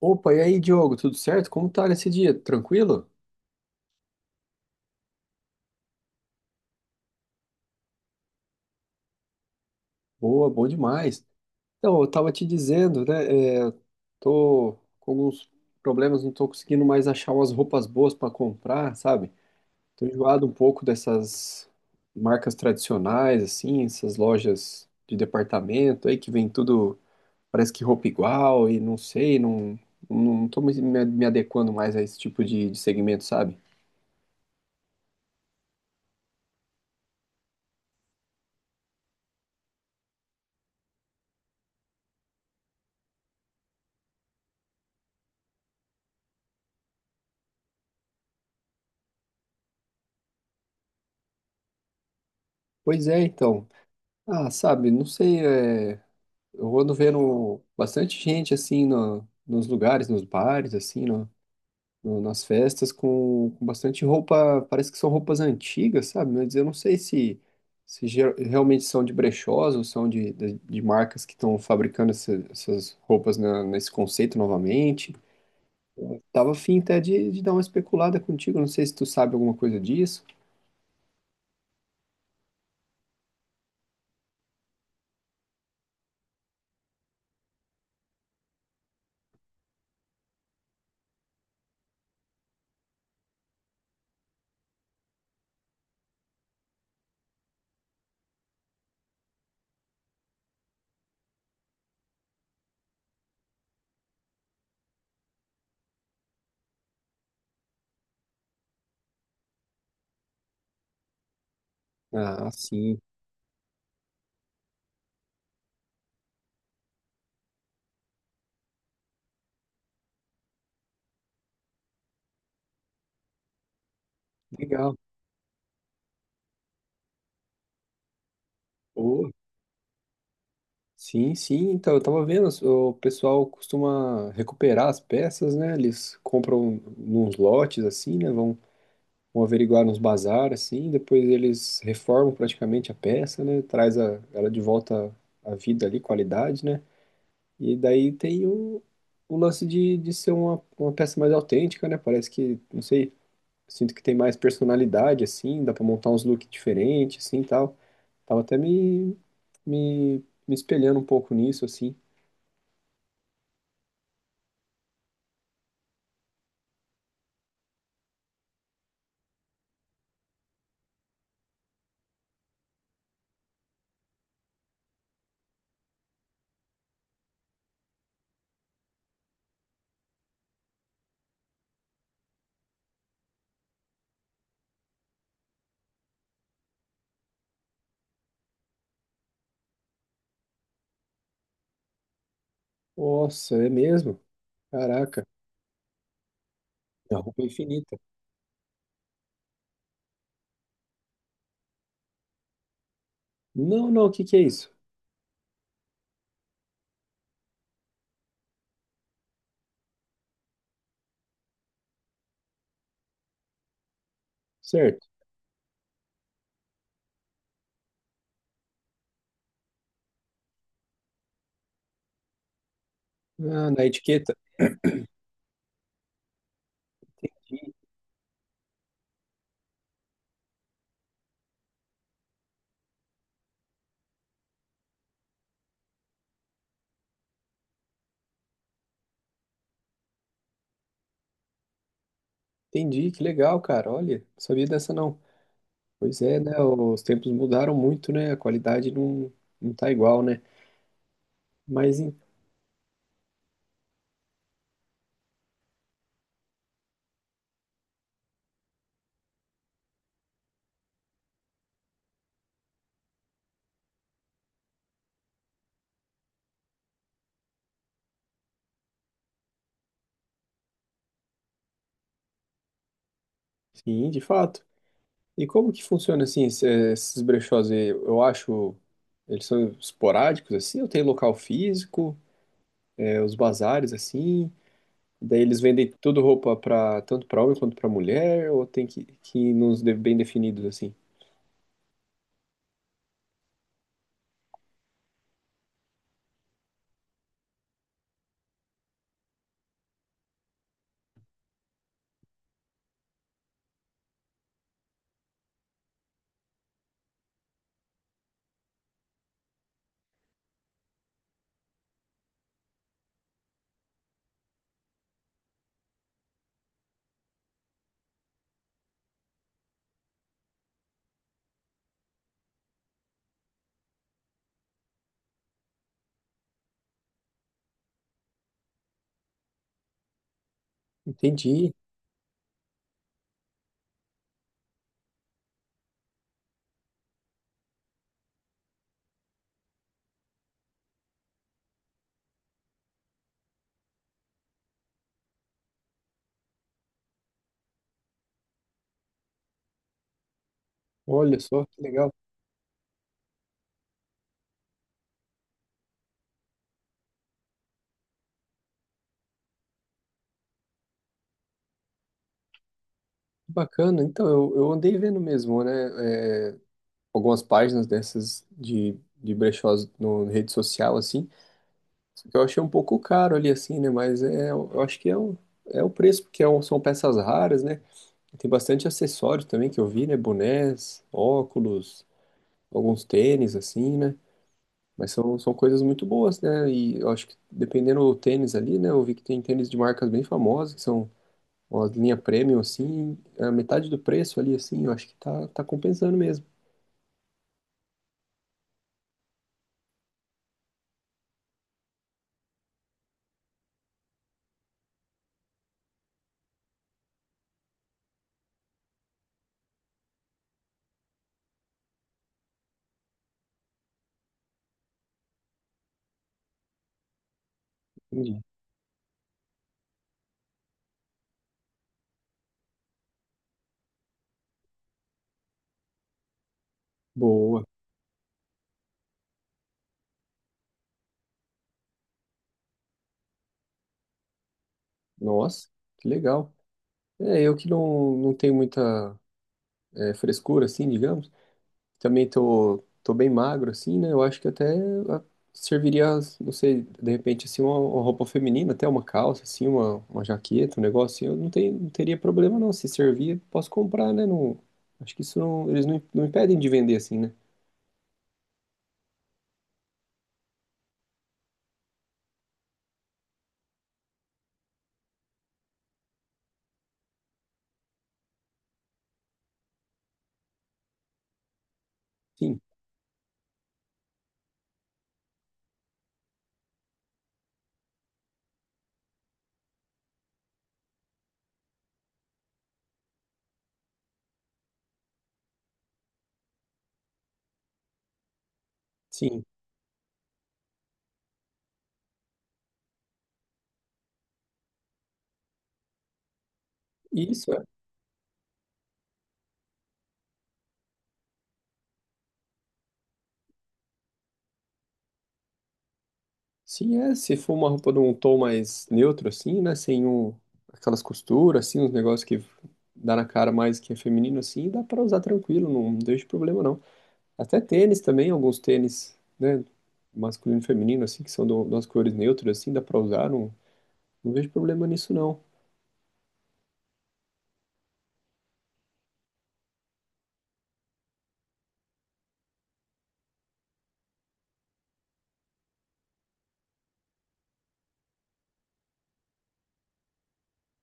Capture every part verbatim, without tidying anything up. Opa, e aí, Diogo, tudo certo? Como tá nesse dia? Tranquilo? Boa, bom demais. Então, eu tava te dizendo, né? é, tô com alguns problemas, não tô conseguindo mais achar umas roupas boas para comprar, sabe? Tô enjoado um pouco dessas marcas tradicionais, assim, essas lojas de departamento aí que vem tudo, parece que roupa igual e não sei, não, não tô me, me me adequando mais a esse tipo de, de segmento, sabe? Pois é, então. Ah, sabe, não sei, é. Eu ando vendo bastante gente assim no, nos lugares, nos bares, assim, no, no- nas festas, com, com bastante roupa, parece que são roupas antigas, sabe? Mas eu não sei se, se ger- realmente são de brechós ou são de, de, de marcas que estão fabricando essa- essas roupas na- nesse conceito novamente. Tava afim até de, de dar uma especulada contigo, não sei se tu sabe alguma coisa disso. Ah, sim. Legal. Pô, sim, sim. Então, eu tava vendo, o pessoal costuma recuperar as peças, né? Eles compram nos lotes, assim, né? Vão, vão averiguar nos bazar, assim. Depois eles reformam praticamente a peça, né? Traz a, ela de volta à vida ali, qualidade, né? E daí tem o, o lance de, de ser uma, uma peça mais autêntica, né? Parece que, não sei, sinto que tem mais personalidade, assim. Dá pra montar uns looks diferentes, assim, e tal. Tava até me, me, me espelhando um pouco nisso, assim. Nossa, é mesmo? Caraca, a roupa é infinita. Não, não, o que que é isso? Certo. Ah, na etiqueta. Entendi, que legal, cara. Olha, não sabia dessa não. Pois é, né? Os tempos mudaram muito, né? A qualidade não, não tá igual, né? Mas, enfim, de fato. E como que funciona, assim, esse- esses brechós? Aí? Eu acho, eles são esporádicos, assim, ou tem local físico, é, os bazares, assim? Daí eles vendem tudo roupa para tanto para homem quanto para mulher, ou tem que que ir nos de- bem definidos assim. Entendi. Olha só, que legal. Que bacana. Então, eu, eu andei vendo mesmo, né, é, algumas páginas dessas de, de brechós no, na rede social assim. Só que eu achei um pouco caro ali assim, né, mas é eu acho que é o, é o preço, porque é um- são peças raras, né? Tem bastante acessórios também que eu vi, né, bonés, óculos, alguns tênis assim, né? Mas são, são coisas muito boas, né? E eu acho que dependendo do tênis ali, né? Eu vi que tem tênis de marcas bem famosas, que são uma linha premium, assim, a metade do preço ali, assim, eu acho que tá, tá compensando mesmo. Entendi. Boa. Nossa, que legal. É, eu que não, não tenho muita, é, frescura, assim, digamos. Também tô, tô bem magro, assim, né? Eu acho que até ah, serviria, não sei, de repente, assim, uma, uma roupa feminina, até uma calça, assim, uma, uma jaqueta, um negócio assim. Eu não, tenho, não teria problema, não. Se servir, posso comprar, né? Não, acho que isso não, eles não, não impedem de vender, assim, né? Sim, sim. Isso, é. Sim, é. Se for uma roupa de um tom mais neutro, assim, né? Sem um, aquelas costuras, assim, uns negócios que dá na cara mais que é feminino, assim, dá pra usar tranquilo, não deixa problema, não. Até tênis também, alguns tênis, né? Masculino e feminino, assim, que são do- das cores neutras, assim, dá pra usar. Não, não vejo problema nisso, não.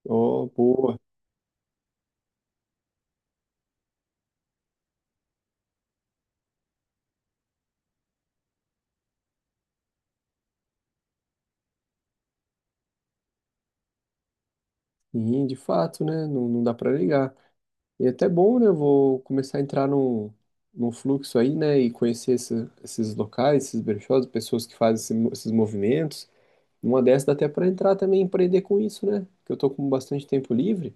Ó, boa. Sim, de fato, né? Não, não dá pra negar. E é até bom, né? Eu vou começar a entrar num, num fluxo aí, né? E conhecer esse- esses locais, esses brechós, pessoas que fazem esse mo- esses movimentos. Numa dessas dá até pra entrar também e empreender com isso, né? Porque eu tô com bastante tempo livre.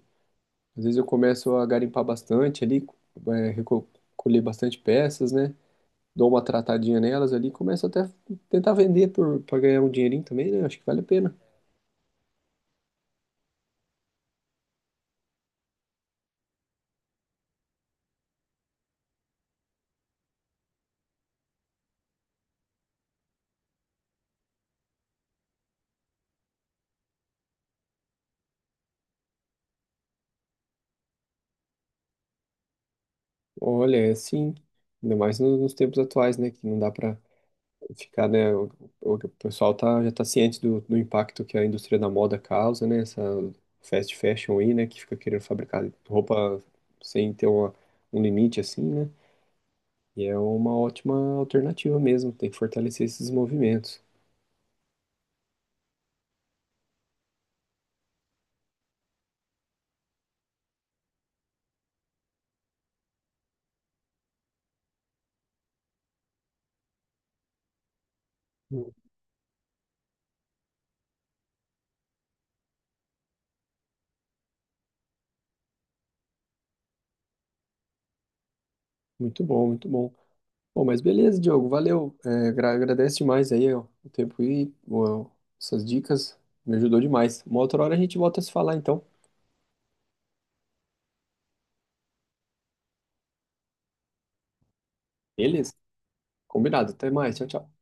Às vezes eu começo a garimpar bastante ali, é, recolher bastante peças, né? Dou uma tratadinha nelas ali, começo até a tentar vender por, para ganhar um dinheirinho também, né? Acho que vale a pena. Olha, é assim, ainda mais no- nos tempos atuais, né? Que não dá para ficar, né? O, o o pessoal tá, já tá ciente do, do impacto que a indústria da moda causa, né? Essa fast fashion aí, né? Que fica querendo fabricar roupa sem ter uma, um limite assim, né? E é uma ótima alternativa mesmo, tem que fortalecer esses movimentos. Muito bom, muito bom. Bom, mas beleza, Diogo, valeu. É, agra- agradece demais aí, ó, o tempo e ó, essas dicas. Me ajudou demais. Uma outra hora a gente volta a se falar, então. Beleza? Combinado. Até mais. Tchau, tchau.